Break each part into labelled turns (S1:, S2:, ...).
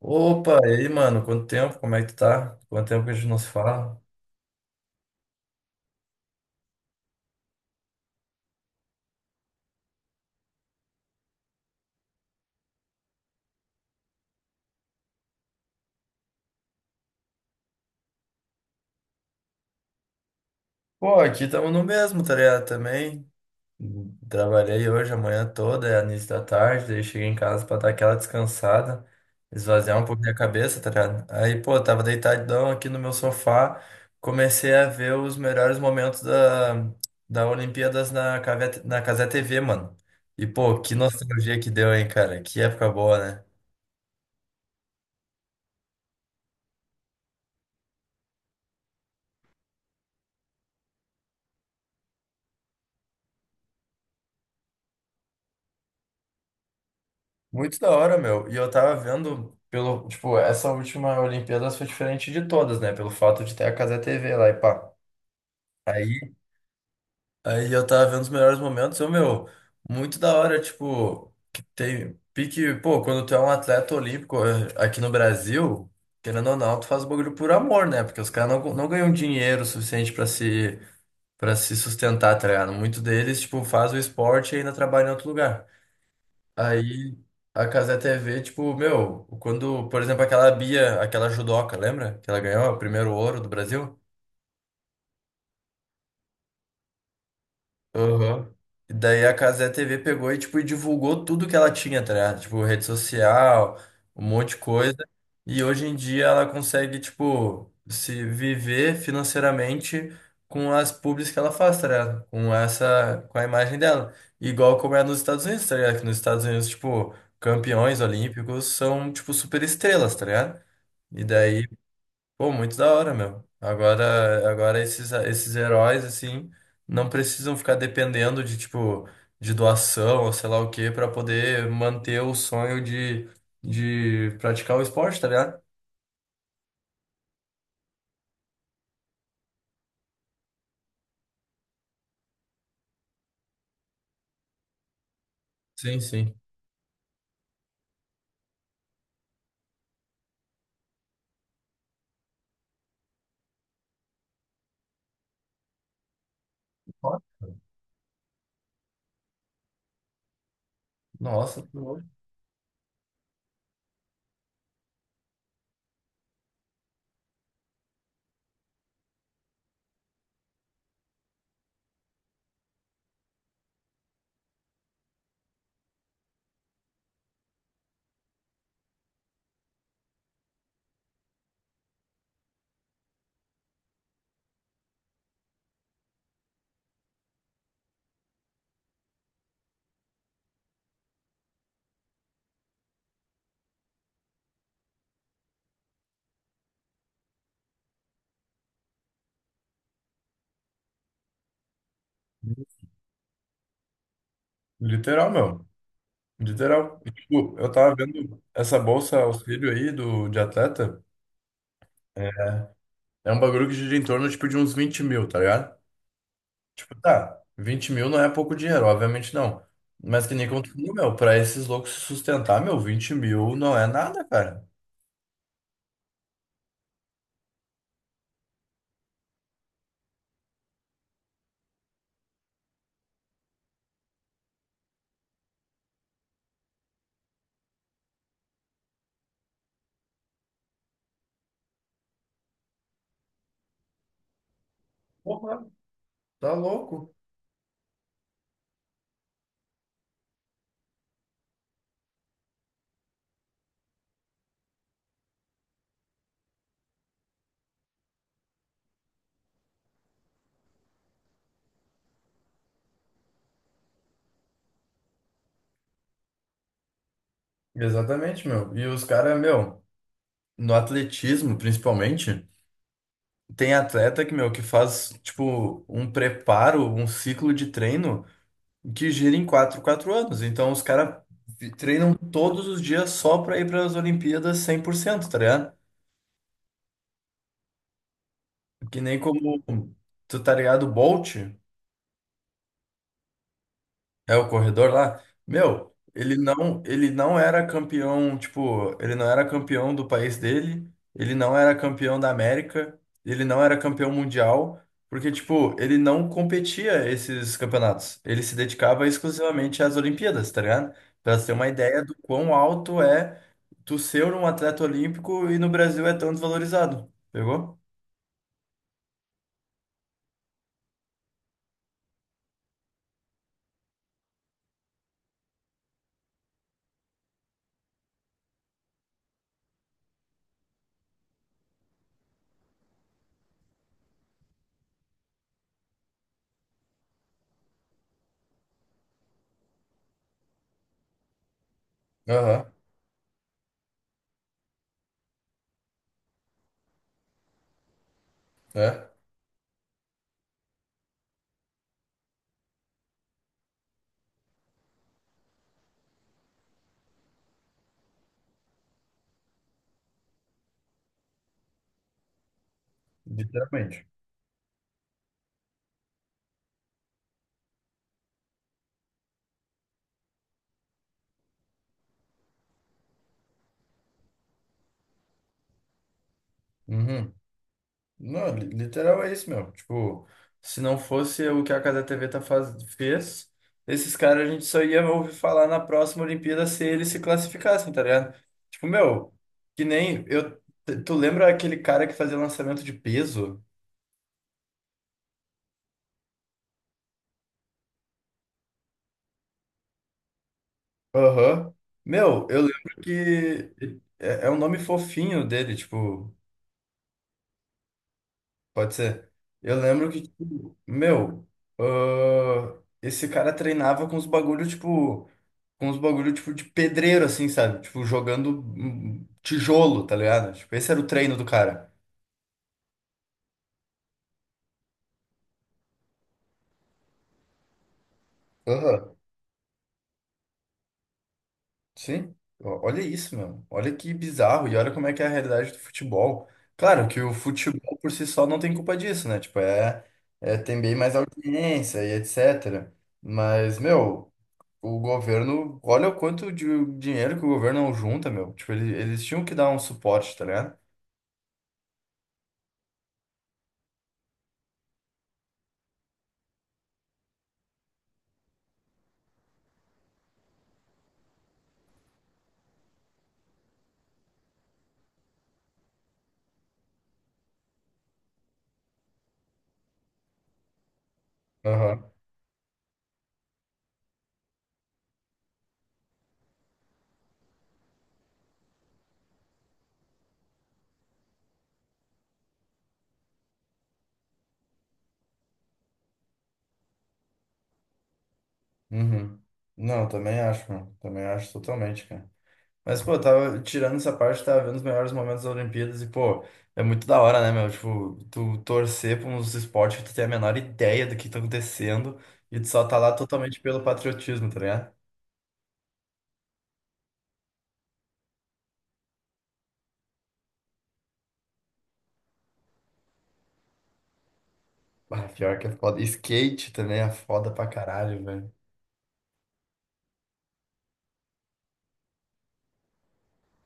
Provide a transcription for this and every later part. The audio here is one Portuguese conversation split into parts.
S1: Opa, e aí, mano? Quanto tempo? Como é que tu tá? Quanto tempo que a gente não se fala? Pô, aqui estamos no mesmo, tá ligado? Também trabalhei hoje, a manhã toda, é início da tarde, daí cheguei em casa pra dar aquela descansada, esvaziar um pouco minha cabeça, tá ligado? Aí, pô, tava deitadão aqui no meu sofá, comecei a ver os melhores momentos da Olimpíadas na Cazé TV, mano. E, pô, que nostalgia que deu, hein, cara? Que época boa, né? Muito da hora, meu. E eu tava vendo pelo, tipo, essa última Olimpíada foi diferente de todas, né? Pelo fato de ter a Cazé TV lá e pá. Aí, aí eu tava vendo os melhores momentos, eu, meu, muito da hora, tipo, que tem pique, pô, quando tu é um atleta olímpico aqui no Brasil, querendo ou não, tu faz o bagulho por amor, né? Porque os caras não ganham dinheiro suficiente pra se para se sustentar, tá ligado? Muito deles, tipo, faz o esporte e ainda trabalha em outro lugar. Aí a Cazé TV, tipo, meu, quando, por exemplo, aquela Bia, aquela judoca, lembra? Que ela ganhou o primeiro ouro do Brasil? Aham. E daí a Casé TV pegou e, tipo, e divulgou tudo que ela tinha, tá ligado? Tipo, rede social, um monte de coisa. E hoje em dia ela consegue, tipo, se viver financeiramente com as publis que ela faz, tá ligado? Com essa, com a imagem dela. Igual como é nos Estados Unidos, tá ligado? Que nos Estados Unidos, tipo, campeões olímpicos são, tipo, super estrelas, tá ligado? E daí. Pô, muito da hora, meu. Agora esses heróis, assim, não precisam ficar dependendo de, tipo, de doação ou sei lá o quê pra poder manter o sonho de praticar o esporte, tá ligado? Sim, sim. Nossa, que louco. Literal, meu. Literal. E, tipo, eu tava vendo essa bolsa auxílio aí do, de atleta. É é um bagulho que gira em torno, tipo, de uns 20 mil, tá ligado? Tipo, tá, 20 mil não é pouco dinheiro, obviamente não. Mas que nem como tu falou, meu, pra esses loucos se sustentar, meu, 20 mil não é nada, cara. Porra, tá louco. Exatamente, meu. E os caras, meu, no atletismo, principalmente, tem atleta que, meu, que faz, tipo, um preparo, um ciclo de treino que gira em quatro anos. Então, os caras treinam todos os dias só pra ir pras Olimpíadas 100%, tá ligado? Que nem como, tu tá ligado, o Bolt? É o corredor lá? Meu, ele não era campeão, tipo, ele não era campeão do país dele, ele não era campeão da América, ele não era campeão mundial, porque, tipo, ele não competia esses campeonatos. Ele se dedicava exclusivamente às Olimpíadas, tá ligado? Pra você ter uma ideia do quão alto é tu ser um atleta olímpico e no Brasil é tão desvalorizado. Pegou? Aham, é. Literalmente. Uhum. Não, literal é isso, meu. Tipo, se não fosse o que a Casa TV tá fez, esses caras a gente só ia ouvir falar na próxima Olimpíada se eles se classificassem, tá ligado? Tipo, meu, que nem eu. Tu lembra aquele cara que fazia lançamento de peso? Aham. Meu, eu lembro que é um nome fofinho dele, tipo. Pode ser. Eu lembro que, tipo, meu, esse cara treinava com os bagulho, tipo, de pedreiro, assim, sabe? Tipo, jogando tijolo, tá ligado? Tipo, esse era o treino do cara. Aham. Sim. Ó, olha isso, meu. Olha que bizarro. E olha como é que é a realidade do futebol. Claro que o futebol por si só não tem culpa disso, né? Tipo, é tem bem mais audiência e etc. Mas, meu. O governo, olha o quanto de dinheiro que o governo não junta, meu. Tipo, eles tinham que dar um suporte, tá ligado? Aham. Uhum. Não, também acho, mano. Também acho totalmente, cara. Mas, pô, eu tava tirando essa parte, tava vendo os melhores momentos das Olimpíadas e, pô, é muito da hora, né, meu? Tipo, tu torcer pra uns esportes que tu tem a menor ideia do que tá acontecendo e tu só tá lá totalmente pelo patriotismo, tá ligado? Ah, pior que é foda. Skate também é foda pra caralho, velho.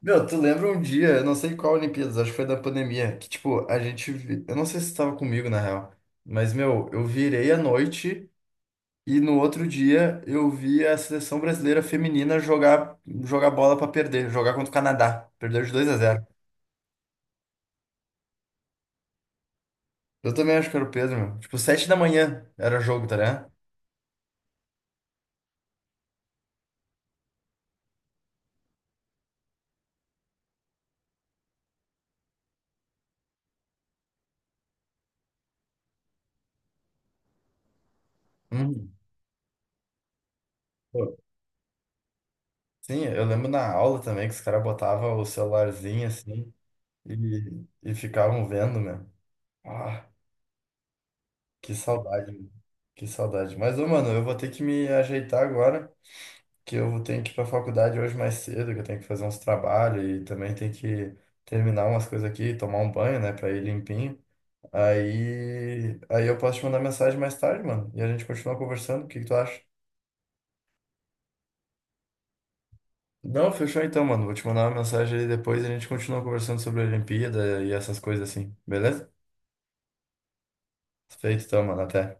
S1: Meu, tu lembra um dia, eu não sei qual Olimpíadas, acho que foi da pandemia, que tipo, eu não sei se tu tava comigo na real, mas meu, eu virei à noite e no outro dia eu vi a seleção brasileira feminina jogar, bola pra perder, jogar contra o Canadá, perdeu de 2 a 0. Eu também acho que era o Pedro, meu. Tipo, 7 da manhã era jogo, tá ligado? Uhum. Pô, sim, eu lembro na aula também que os caras botavam o celularzinho assim e ficavam vendo, meu. Ah. Que saudade, mano. Que saudade. Mas, ô, mano, eu vou ter que me ajeitar agora, que eu tenho que ir pra faculdade hoje mais cedo, que eu tenho que fazer uns trabalhos e também tenho que terminar umas coisas aqui, tomar um banho, né, pra ir limpinho. Aí eu posso te mandar mensagem mais tarde, mano, e a gente continua conversando. O que que tu acha? Não, fechou então, mano. Vou te mandar uma mensagem aí depois e a gente continua conversando sobre a Olimpíada e essas coisas assim, beleza? Feito então, mano. Até.